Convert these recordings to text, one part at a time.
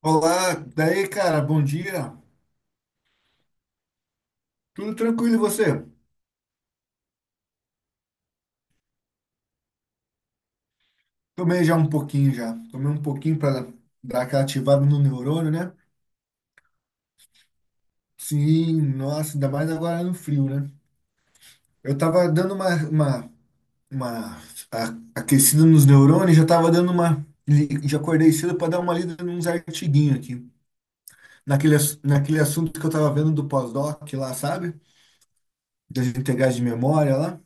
Olá, daí, cara, bom dia. Tudo tranquilo e você? Tomei já um pouquinho já. Tomei um pouquinho para dar aquela ativada no neurônio, né? Sim, nossa, ainda mais agora no frio, né? Eu tava dando uma, uma aquecida nos neurônios, já tava dando uma. Já acordei cedo para dar uma lida nos artiguinhos aqui. Naquele assunto que eu tava vendo do pós-doc lá, sabe? Das integrais de memória lá.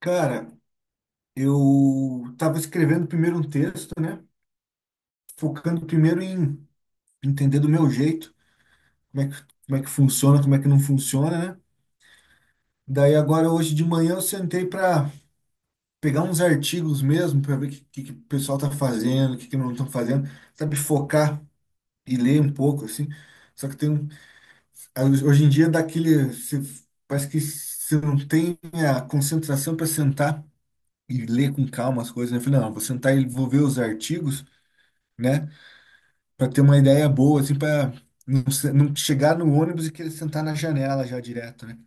Cara, eu tava escrevendo primeiro um texto, né? Focando primeiro em entender do meu jeito, como é que funciona, como é que não funciona, né? Daí agora hoje de manhã eu sentei para pegar uns artigos mesmo, para ver o que o pessoal tá fazendo, o que não estão fazendo, sabe, focar e ler um pouco, assim. Só que tem um, hoje em dia dá aquele, parece que você não tem a concentração para sentar e ler com calma as coisas, né? Eu falei, não, eu vou sentar e vou ver os artigos, né? Para ter uma ideia boa, assim, para não, não chegar no ônibus e querer sentar na janela já direto, né?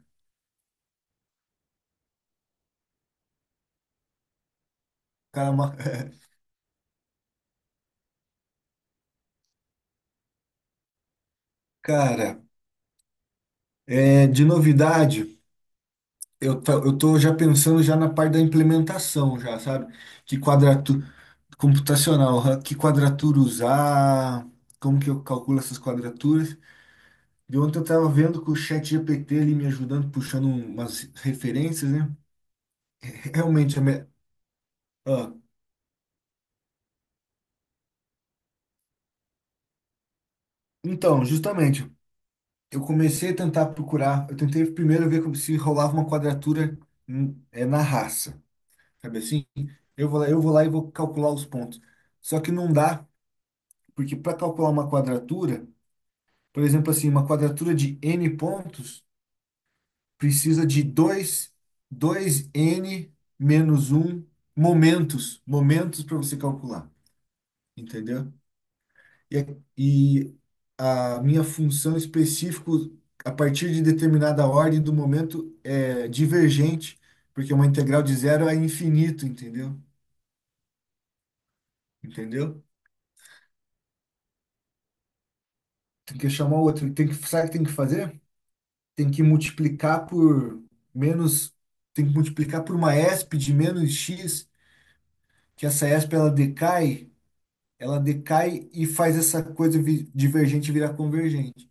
Cara, cara, é, de novidade, eu tô já pensando já na parte da implementação já, sabe? Que quadratura computacional, hã? Que quadratura usar, como que eu calculo essas quadraturas. De ontem eu tava vendo com o chat GPT ali me ajudando, puxando umas referências, né? Realmente, ah, então, justamente. Eu comecei a tentar procurar. Eu tentei primeiro ver como se rolava uma quadratura, na raça, sabe assim? Eu vou lá e vou calcular os pontos. Só que não dá, porque para calcular uma quadratura, por exemplo, assim, uma quadratura de n pontos precisa de dois n menos um momentos para você calcular, entendeu? e, e a minha função específica, a partir de determinada ordem do momento, é divergente, porque uma integral de zero é infinito, entendeu? Entendeu? Tem que chamar outro. Tem que, sabe o que tem que fazer? Tem que multiplicar por menos. Tem que multiplicar por uma esp de menos x, que essa esp ela decai e faz essa coisa divergente virar convergente.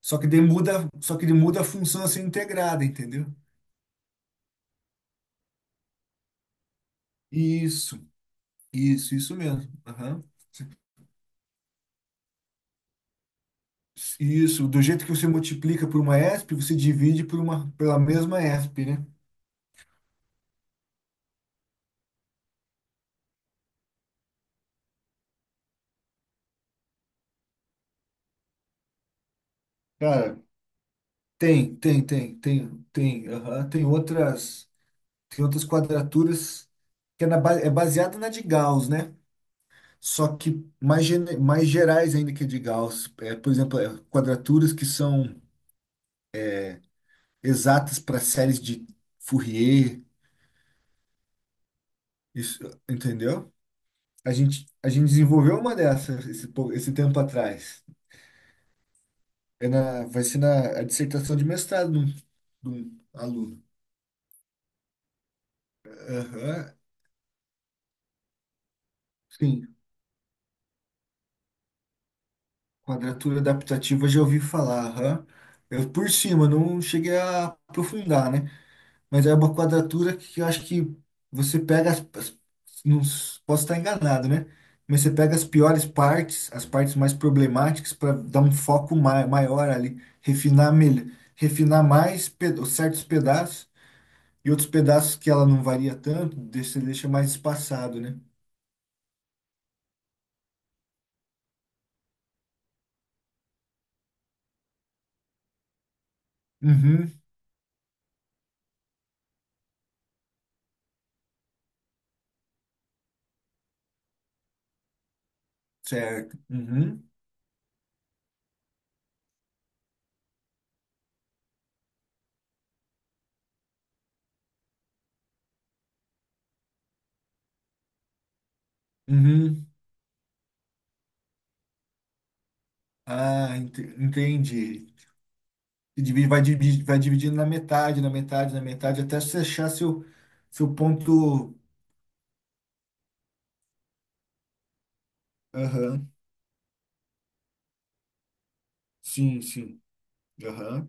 Só que daí muda, só que ele muda a função a ser integrada, entendeu? Isso. Isso mesmo. Aham. Isso, do jeito que você multiplica por uma ESP, você divide por uma, pela mesma ESP, né? Cara, tem, aham, tem outras quadraturas que é baseada na de Gauss, né? Só que mais gerais ainda que a de Gauss. É, por exemplo, quadraturas que são exatas para séries de Fourier, isso, entendeu? A gente desenvolveu uma dessas esse tempo atrás. Vai ser na a dissertação de mestrado de um aluno. Aham. Sim, quadratura adaptativa já ouvi falar. Aham. Eu por cima, não cheguei a aprofundar, né? Mas é uma quadratura que eu acho que você pega as não s- posso estar enganado, né? Mas você pega as piores partes, as partes mais problemáticas para dar um foco ma maior ali, refinar melhor, refinar certos pedaços e outros pedaços que ela não varia tanto, deixa, deixa mais espaçado, né? Uhum, certo. Uhum, uhum. Ah, entendi. E vai dividindo na metade, na metade, na metade, até você achar seu ponto. Aham, sim, sim. Aham,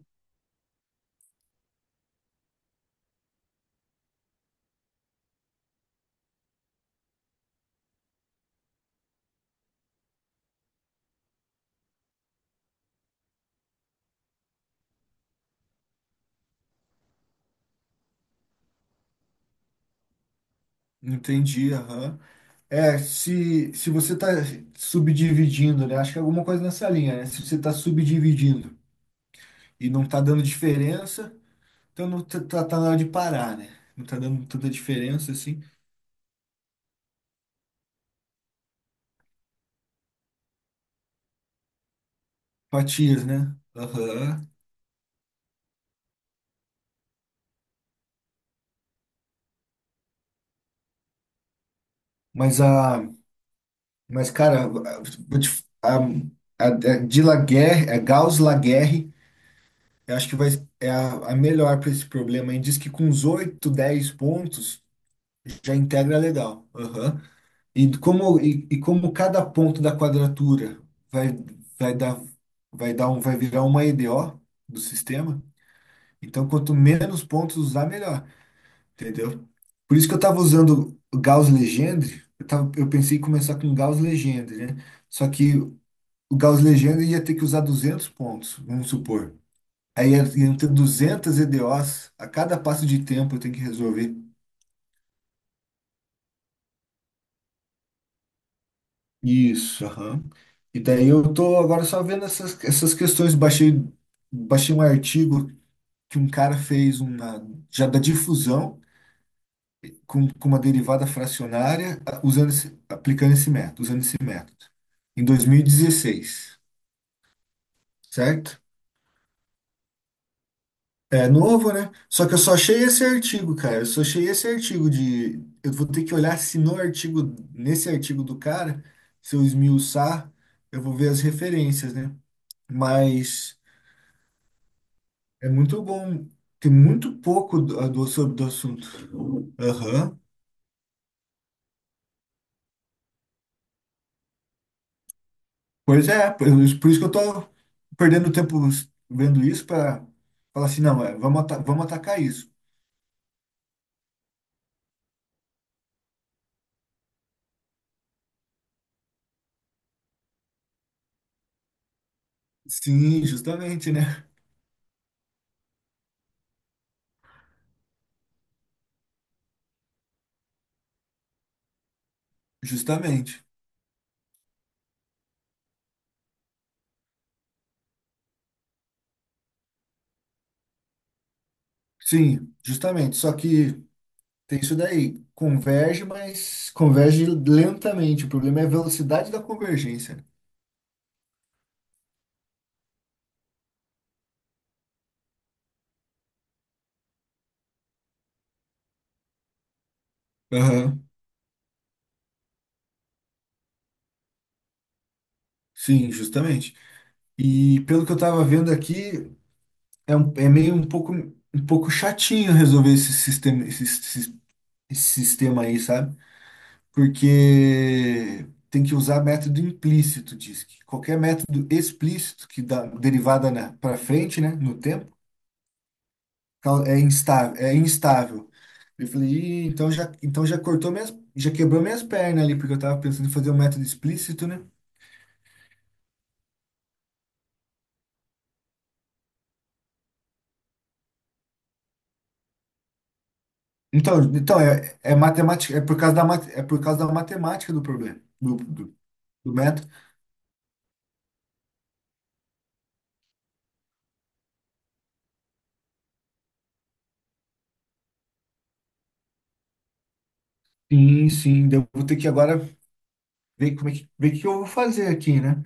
entendi, aham. É, se você está subdividindo, né? Acho que é alguma coisa nessa linha, né? Se você está subdividindo e não está dando diferença, então não tá, tá na hora de parar, né? Não está dando tanta diferença assim. Fatias, né? Aham. Mas a. Mas, cara, vou a de Laguerre, a Gauss Laguerre, eu acho que vai, é a melhor para esse problema. E diz que com uns 8 10 pontos já integra legal. Aham. E como, e como cada ponto da quadratura vai, vai dar, vai virar uma EDO do sistema, então quanto menos pontos usar, melhor. Entendeu? Por isso que eu estava usando o Gauss Legendre, eu, tava, eu pensei em começar com Gauss Legendre, né? Só que o Gauss Legenda ia ter que usar 200 pontos, vamos supor. Iam ter 200 EDOs a cada passo de tempo eu tenho que resolver. Isso, aham. E daí eu tô agora só vendo essas, essas questões. Baixei, baixei um artigo que um cara fez uma, já da difusão com uma derivada fracionária usando esse, aplicando esse método, usando esse método. Em 2016, certo? É novo, né? Só que eu só achei esse artigo, cara. Eu só achei esse artigo de. Eu vou ter que olhar se no artigo, nesse artigo do cara, se eu esmiuçar, eu vou ver as referências, né? Mas é muito bom. Tem muito pouco do, sobre do assunto. Aham. Pois é, por isso que eu tô perdendo tempo vendo isso para falar assim, não, é, vamos, vamos atacar isso. Sim, justamente, né? Justamente. Sim, justamente. Só que. Tem isso daí. Converge, mas converge lentamente. O problema é a velocidade da convergência. Né? Aham. Sim, justamente. E pelo que eu estava vendo aqui, meio um pouco chatinho resolver esse sistema, esse sistema aí, sabe? Porque tem que usar método implícito, diz que. Qualquer método explícito que dá derivada para frente, né, no tempo, é instável, é instável. Eu falei, "Ih, então já cortou minhas, já quebrou minhas pernas ali, porque eu tava pensando em fazer um método explícito, né? Então, então matemática, é por causa da, é por causa da matemática do problema, do método. Sim, sim, daí eu vou ter que agora ver como é que, ver o que eu vou fazer aqui, né?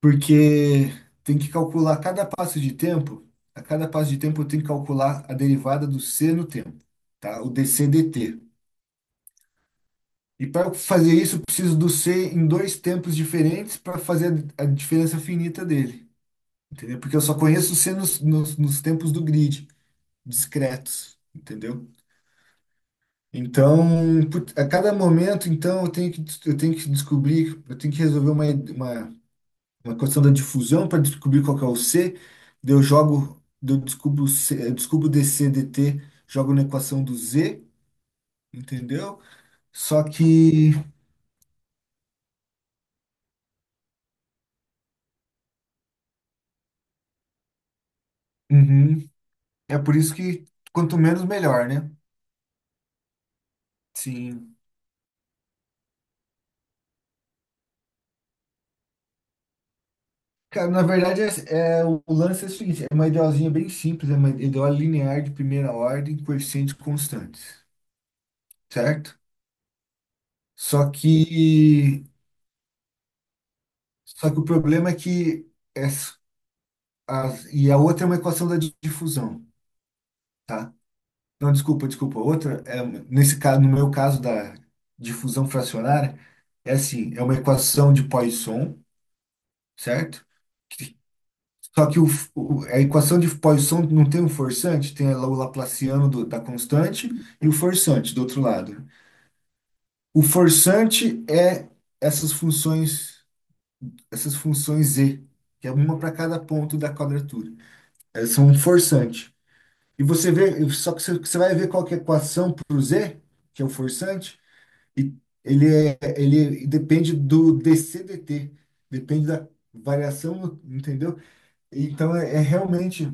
Porque tem que calcular cada passo de tempo, a cada passo de tempo eu tenho que calcular a derivada do c no tempo, tá? O dc/dt. E para fazer isso, eu preciso do C em dois tempos diferentes para fazer a diferença finita dele, entendeu? Porque eu só conheço o C nos tempos do grid, discretos, entendeu? Então, a cada momento, então, eu tenho que descobrir, eu tenho que resolver uma questão da difusão para descobrir qual que é o C, daí eu jogo, daí eu descubro, o C, eu descubro DC, DT, jogo na equação do Z, entendeu? Só que. Uhum. É por isso que quanto menos, melhor, né? Sim. Cara, na verdade, o lance é o seguinte, é uma idealzinha bem simples, é uma ideal linear de primeira ordem, coeficientes constantes, certo? Só que, só que o problema é que e a outra é uma equação da difusão, tá? Não, desculpa, desculpa. Outra é nesse caso, no meu caso da difusão fracionária, é assim, é uma equação de Poisson, certo? Só que a equação de Poisson não tem um forçante, tem lá o Laplaciano da constante e o forçante do outro lado. O forçante é essas funções, essas funções z, que é uma para cada ponto da quadratura. Elas são um forçante. E você vê, só que você, você vai ver qual que é a equação para o z, que é o forçante, e ele, é, ele depende do dc/dt, depende da variação, entendeu? Então é realmente.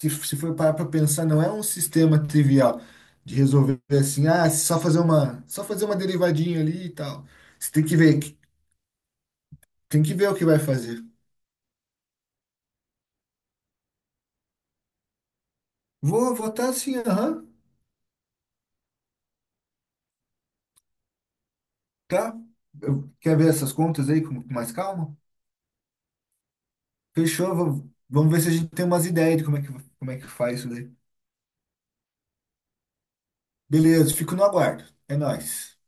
Se for parar para pensar, não é um sistema trivial de resolver assim, ah, só fazer uma derivadinha ali e tal. Você tem que ver, tem que ver o que vai fazer. Vou votar sim, aham, tá. Quer ver essas contas aí com mais calma? Fechou, vamos ver se a gente tem umas ideias de como é que faz isso daí. Beleza, fico no aguardo. É nóis.